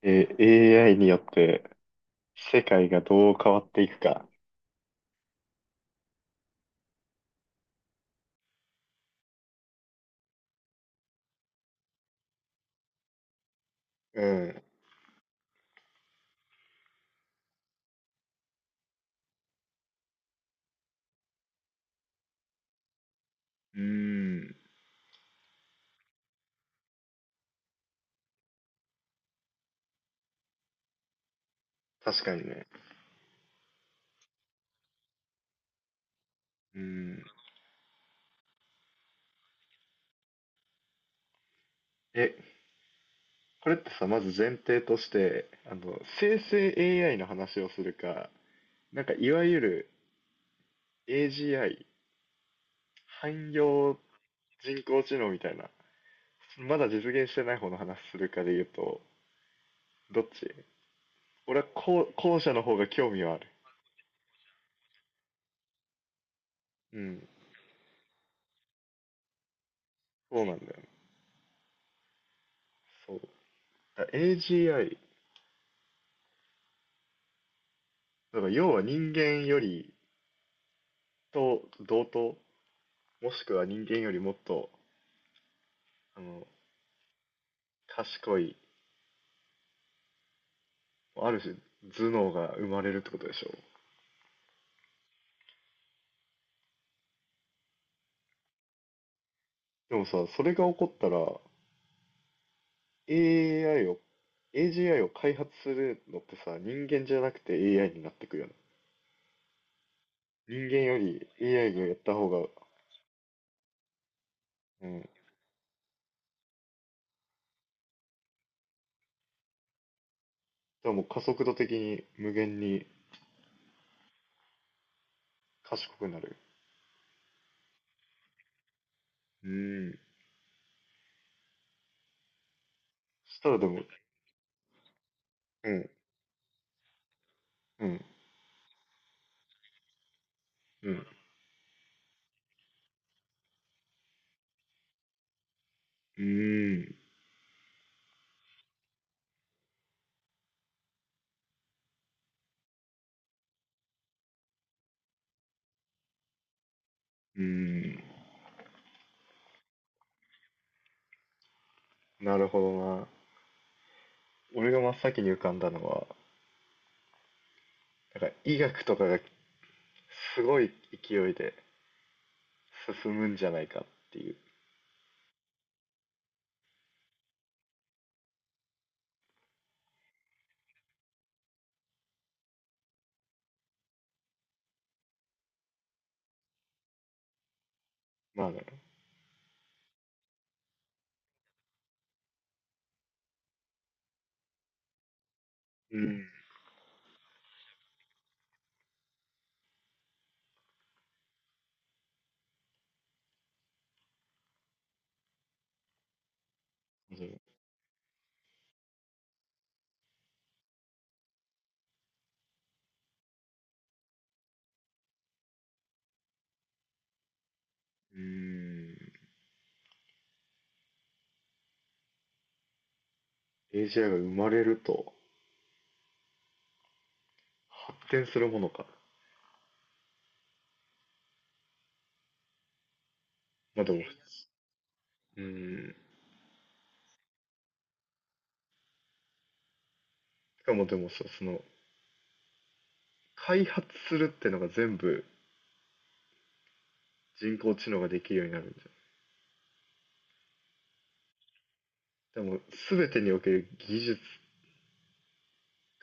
AI によって世界がどう変わっていくか。うん。うーん。確かにね。うん。え、これってさ、まず前提として、生成 AI の話をするか、なんかいわゆる AGI、汎用人工知能みたいな、まだ実現してない方の話するかで言うと、どっち俺は後者の方が興味はある。うん。そうなんだよね。そう。AGI、だから要は人間よりと同等もしくは人間よりもっとあの賢いある種頭脳が生まれるってことでしょ。でもさ、それが起こったら AI を AGI を開発するのってさ、人間じゃなくて AI になってくよね。人間より AI がやった方が、うんだからもう加速度的に無限に賢くなる。うーん。そしたらでもうん。うん。うん。うーん。うーん。なるほどな。俺が真っ先に浮かんだのは、なんか医学とかがすごい勢いで進むんじゃないかっていう。まあね。うん。うーん。AGI が生まれると発展するものか。まあでも、うん。しかもでも、開発するってのが全部人工知能ができるようになるんじゃん。でも、全てにおける技術、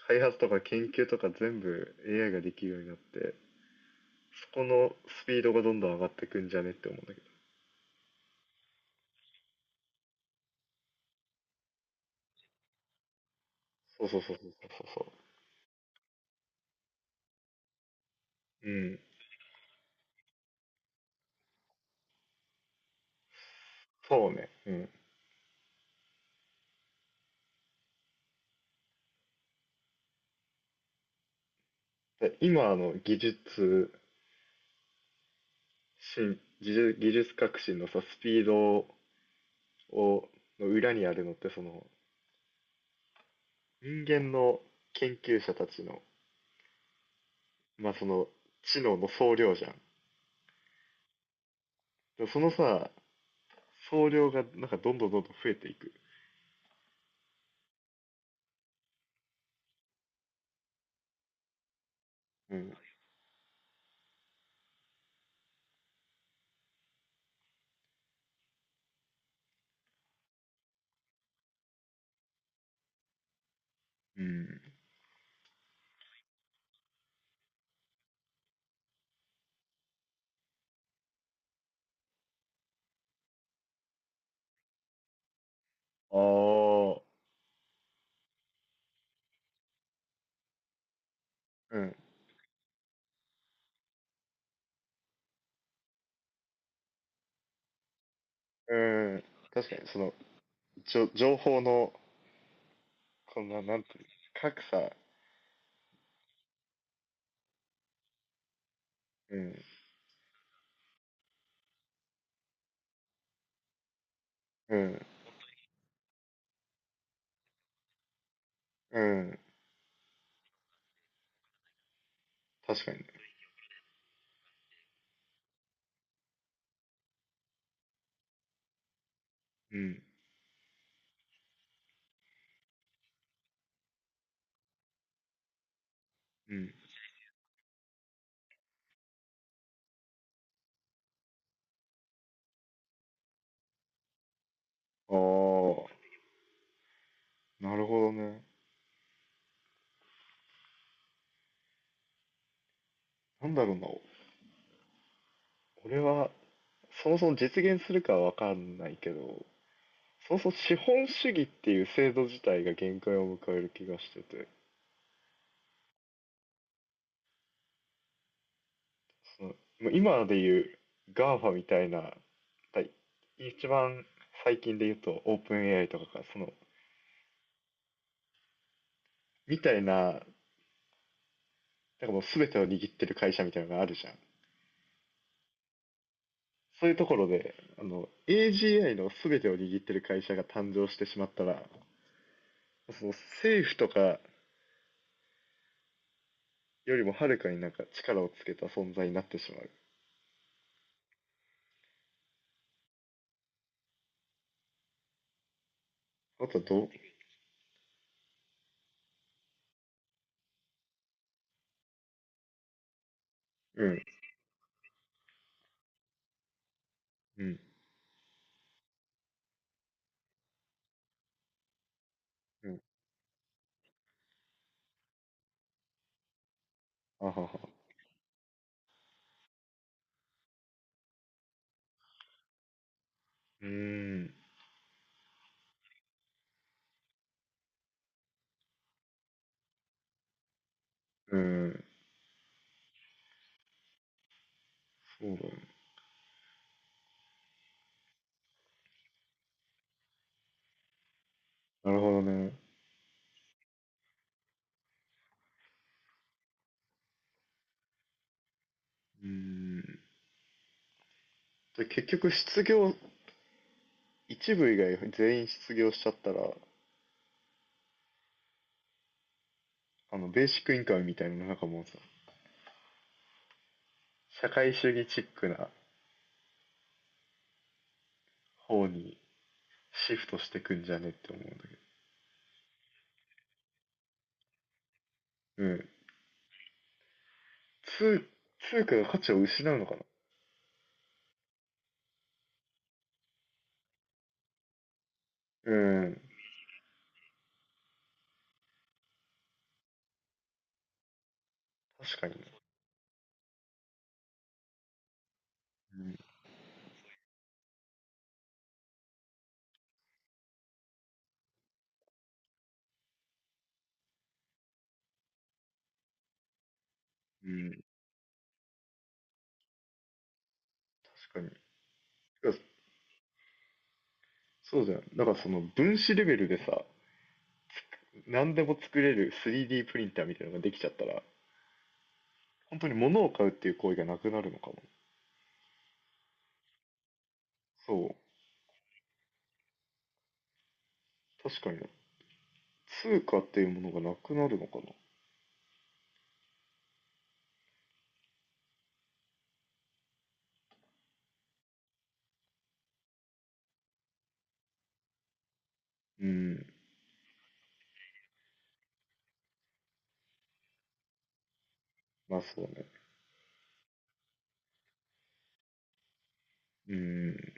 開発とか研究とか全部 AI ができるようになって、そこのスピードがどんどん上がってくんじゃねって思うんだけど。そうそうそうそうそうそう。うん。そうね。うん。で今の技術進、技術、技術革新のさ、スピードを、の裏にあるのって、その、人間の研究者たちの、まあその、知能の総量じゃん。で、そのさ、総量がなんかどんどんどんどん増えていく。うん。うん。ああ。うん。うん。確かに、その、情報の、こんな、なんていうの、格差。うん。うん。うん。確かにね。うん。うん。ああ。なるほどね。なんだろうな。俺は、そもそも実現するかはわかんないけど、そもそも資本主義っていう制度自体が限界を迎える気がしてて、その、まあ今でいう GAFA みたいな、はい、一番最近で言うとOpenAI とかが、その、みたいな、なんかもう全てを握ってる会社みたいなのがあるじゃん。そういうところで、AGI の全てを握ってる会社が誕生してしまったら、その政府とかよりもはるかになんか力をつけた存在になってしまう。あとはどううん。うん。うん。あはは。うーん。うーん。そうだね。なるほどね。うーん。で結局一部以外全員失業しちゃったら、ベーシックインカムみたいなのなんかもうさ、社会主義チックな方にシフトしてくんじゃねって思うんだけど。うん。通、通貨の価値を失うのかな。うん。確かにね。うん。うん、確かに。そうじゃん、だからその分子レベルでさ、何でも作れる 3D プリンターみたいなのができちゃったら、本当に物を買うっていう行為がなくなるのかも。そう。確かに通貨っていうものがなくなるのかな。うん。まあそうね。うん。